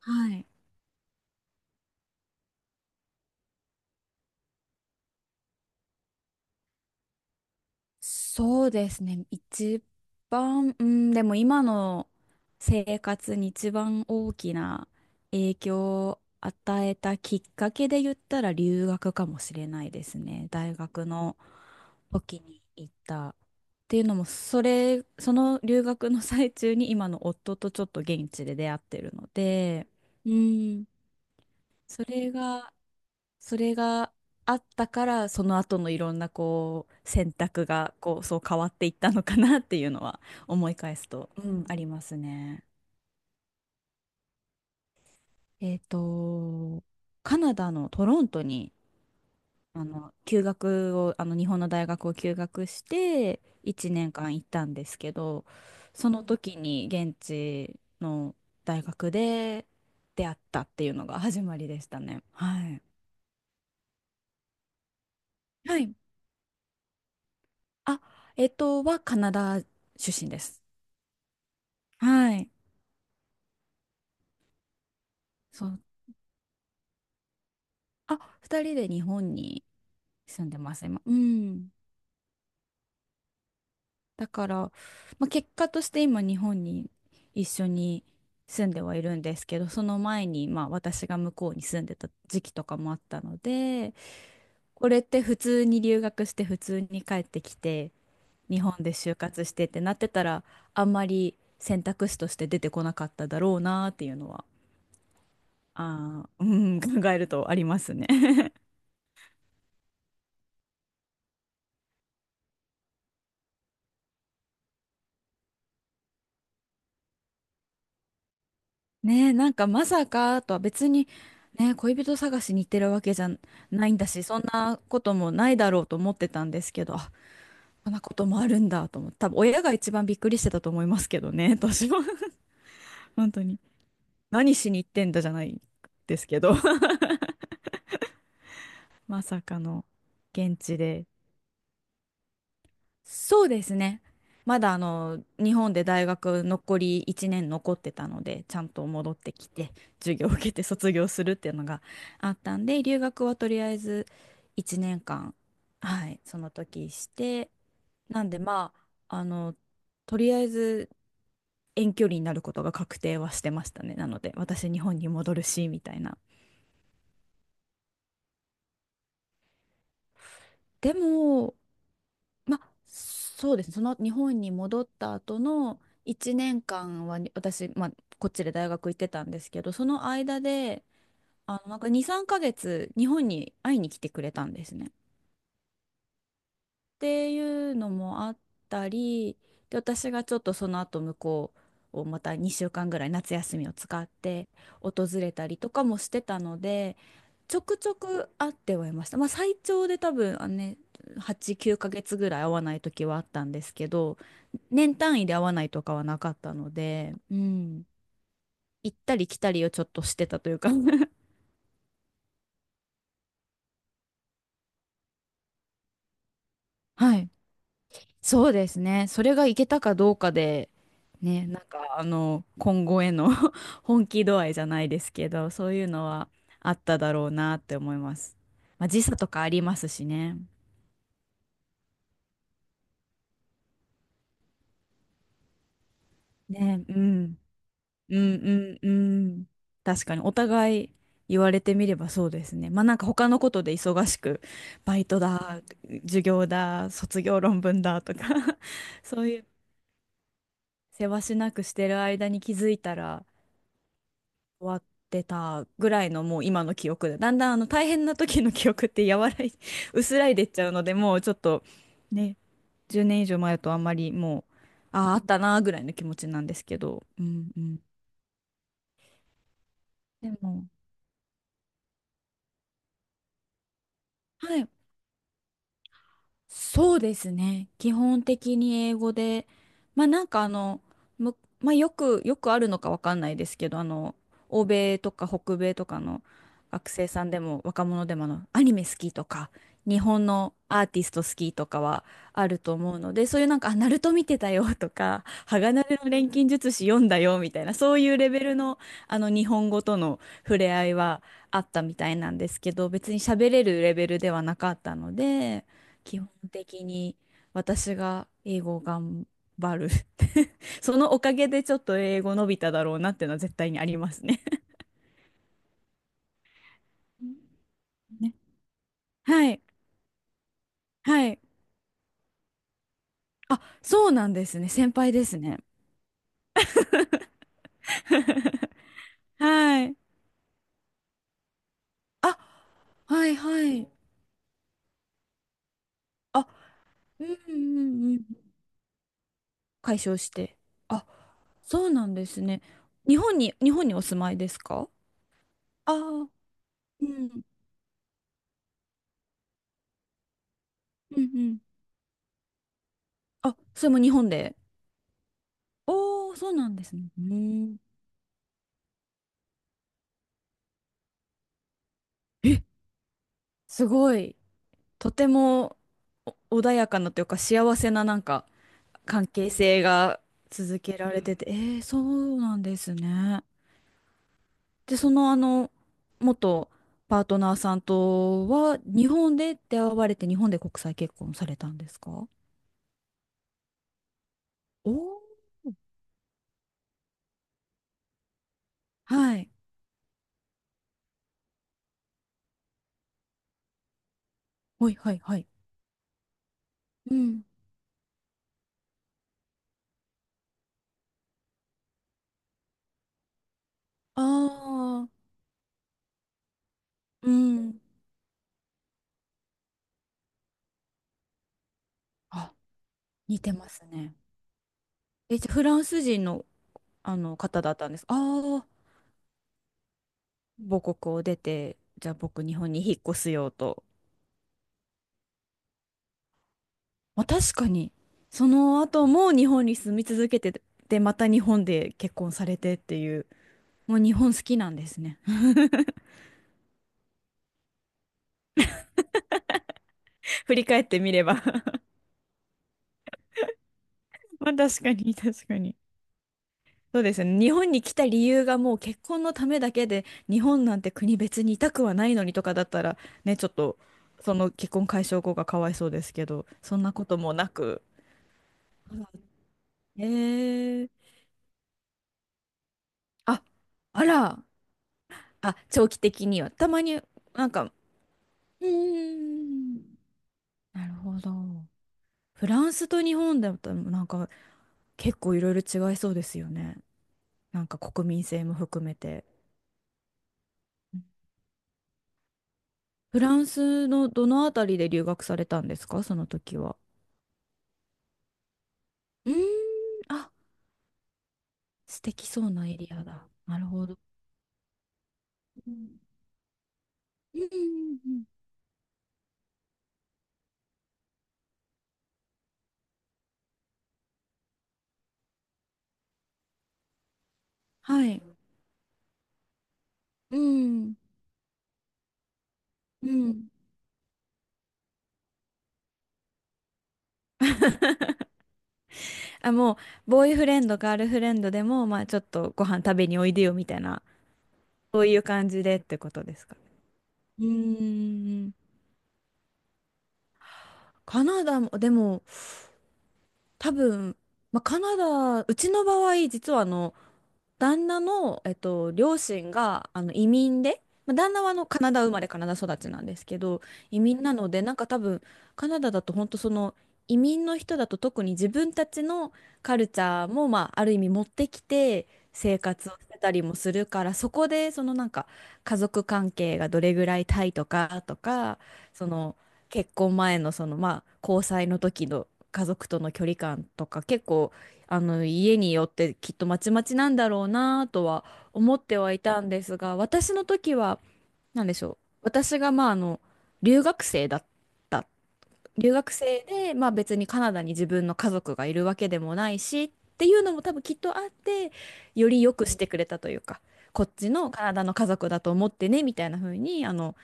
はい。そうですね。一番、でも今の生活に一番大きな影響を与えたきっかけで言ったら留学かもしれないですね。大学の時に行った。っていうのも、その留学の最中に今の夫とちょっと現地で出会ってるので、うん、それが、それがあったから、その後のいろんなこう選択がこうそう変わっていったのかなっていうのは思い返すと、うん、ありますね。えっと、カナダのトロントに、あの、休学を、あの、日本の大学を休学して1年間行ったんですけど、その時に現地の大学で出会ったっていうのが始まりでしたね。はい。はい。あ、はカナダ出身です。はい。そう。あ、二人で日本に住んでます、今。うん。だから、まあ、結果として今、日本に一緒に住んではいるんですけど、その前に、まあ、私が向こうに住んでた時期とかもあったので、これって普通に留学して、普通に帰ってきて、日本で就活してってなってたら、あんまり選択肢として出てこなかっただろうなっていうのは、うん、考えるとありますね。ねえ、なんかまさかとは別に、ねえ、恋人探しに行ってるわけじゃないんだし、そんなこともないだろうと思ってたんですけど、あ、こんなこともあるんだと思って、多分親が一番びっくりしてたと思いますけどね、私は。本当に。何しに行ってんだじゃないですけど、まさかの現地で。そうですね。まだあの日本で大学残り1年残ってたのでちゃんと戻ってきて授業を受けて卒業するっていうのがあったんで、留学はとりあえず1年間はいその時して、なんで、ま、ああの、とりあえず遠距離になることが確定はしてましたね、なので私日本に戻るしみたいな。でも、まあ、そうですね。その日本に戻った後の1年間はに私、まあ、こっちで大学行ってたんですけど、その間で、あの、なんか2、3ヶ月日本に会いに来てくれたんですね。っていうのもあったり、で、私がちょっとその後向こうをまた2週間ぐらい夏休みを使って訪れたりとかもしてたので、ちょくちょく会ってはいました。まあ、最長で多分、8、9ヶ月ぐらい会わない時はあったんですけど、年単位で会わないとかはなかったので、うん、行ったり来たりをちょっとしてたというか。 はい、そうですね。それが行けたかどうかで、ね、今後への 本気度合いじゃないですけど、そういうのはあっただろうなって思います。まあ、時差とかありますしね。ね、うん。うん。うん。うん。確かにお互い言われてみればそうですね。まあ、なんか他のことで忙しく、バイトだ、授業だ、卒業論文だとか そういうせわしなくしてる間に気づいたら終わってたぐらいのもう今の記憶で、だんだんあの大変な時の記憶って柔らい、薄らいでっちゃうので、もうちょっとね、10年以上前だとあんまりもう、ああ、あったなーぐらいの気持ちなんですけど。うん、うん。でも、はい、そうですね。基本的に英語で、まあなんかあの、よくあるのかわかんないですけど、あの、欧米とか北米とかの学生さんでも若者でも、あの、アニメ好きとか、日本のアーティスト好きとかはあると思うので、そういうなんか、あ、ナルト見てたよとか、鋼の錬金術師読んだよみたいな、そういうレベルの、あの、日本語との触れ合いはあったみたいなんですけど、別に喋れるレベルではなかったので、基本的に私が英語を頑張る。 そのおかげでちょっと英語伸びただろうなっていうのは絶対にありますね。ね。はい。はい。あ、そうなんですね。先輩ですね。はい。あ、はいはい。あ、うんうんうん。解消して。あ、そうなんですね。日本に、日本にお住まいですか？ああ、うんうん。うん、あ、それも日本で。おー、そうなんですね。うん。え、すごい、とてもお穏やかなというか幸せななんか関係性が続けられてて、えー、そうなんですね。で、そのあの、元パートナーさんとは日本で出会われて日本で国際結婚されたんですか？おー。はい。はいはいはい。うん。ああ、うん。あ、似てますね。え、じゃあフランス人の、あの方だったんです。ああ、母国を出て、じゃあ僕日本に引っ越すよと。まあ確かに、その後も日本に住み続けて、で、また日本で結婚されてっていう、もう日本好きなんですね。振り返ってみれば。 まあ確かに、確かに。そうですね。日本に来た理由がもう結婚のためだけで、日本なんて国別にいたくはないのにとかだったら、ね、ちょっと、その結婚解消後がかわいそうですけど、そんなこともなく。えー、あ、あら。あ、長期的には。たまに、なんか、うーん、なるほど。フランスと日本だと、なんか、結構いろいろ違いそうですよね。なんか国民性も含めて。フランスのどのあたりで留学されたんですか、その時は。うーん、あ、素敵そうなエリアだ。なるほど。うんうんうん。うん。はい。うん。うん。あ、もう、ボーイフレンド、ガールフレンドでも、まあ、ちょっとご飯食べにおいでよみたいな。そういう感じでってことですかね。うーん。カナダも、でも、多分、まあ、カナダ、うちの場合、実はあの、旦那の、両親があの移民で、まあ、旦那はあのカナダ生まれカナダ育ちなんですけど、移民なのでなんか多分カナダだと本当その移民の人だと特に自分たちのカルチャーも、まあ、ある意味持ってきて生活をしてたりもするから、そこでそのなんか家族関係がどれぐらいタイとかとか、その結婚前のそのまあ交際の時の家族との距離感とか結構あの家によってきっとまちまちなんだろうなとは思ってはいたんですが、私の時は何でしょう、私がまああの留学生だった留学生で、まあ、別にカナダに自分の家族がいるわけでもないしっていうのも多分きっとあって、より良くしてくれたというか、こっちのカナダの家族だと思ってねみたいな風に、あの、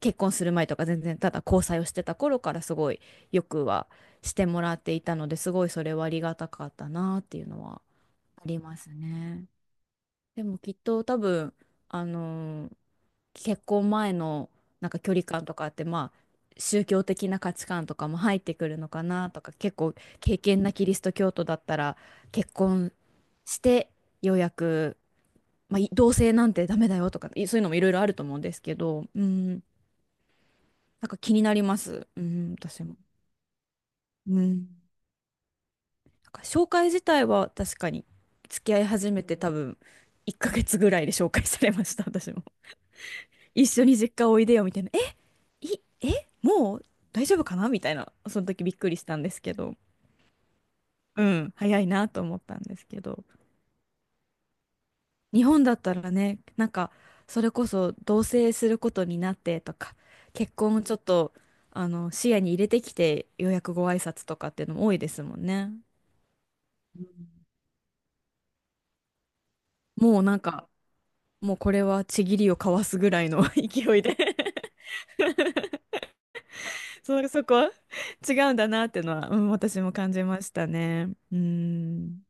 結婚する前とか全然ただ交際をしてた頃からすごいよくはしてもらっていたので、すごいそれはありがたかったなっていうのはありますね。でもきっと多分、あのー、結婚前のなんか距離感とかって、まあ、宗教的な価値観とかも入ってくるのかなとか、結構、敬虔なキリスト教徒だったら、結婚してようやく、まあ、い、同性なんてダメだよとか、い、そういうのもいろいろあると思うんですけど、うん、なんか気になります。うん、私も。うん。なんか紹介自体は確かに、付き合い始めて多分、1ヶ月ぐらいで紹介されました、私も。一緒に実家おいでよみたいな。え、い、え、もう大丈夫かなみたいな。その時びっくりしたんですけど。うん、早いなと思ったんですけど。日本だったらね、なんか、それこそ同棲することになってとか、結婚をちょっと、あの、視野に入れてきて、ようやくご挨拶とかっていうのも多いですもんね。もうなんか、もうこれはちぎりを交わすぐらいの 勢いで。 そこは違うんだなっていうのは、うん、私も感じましたね。うん。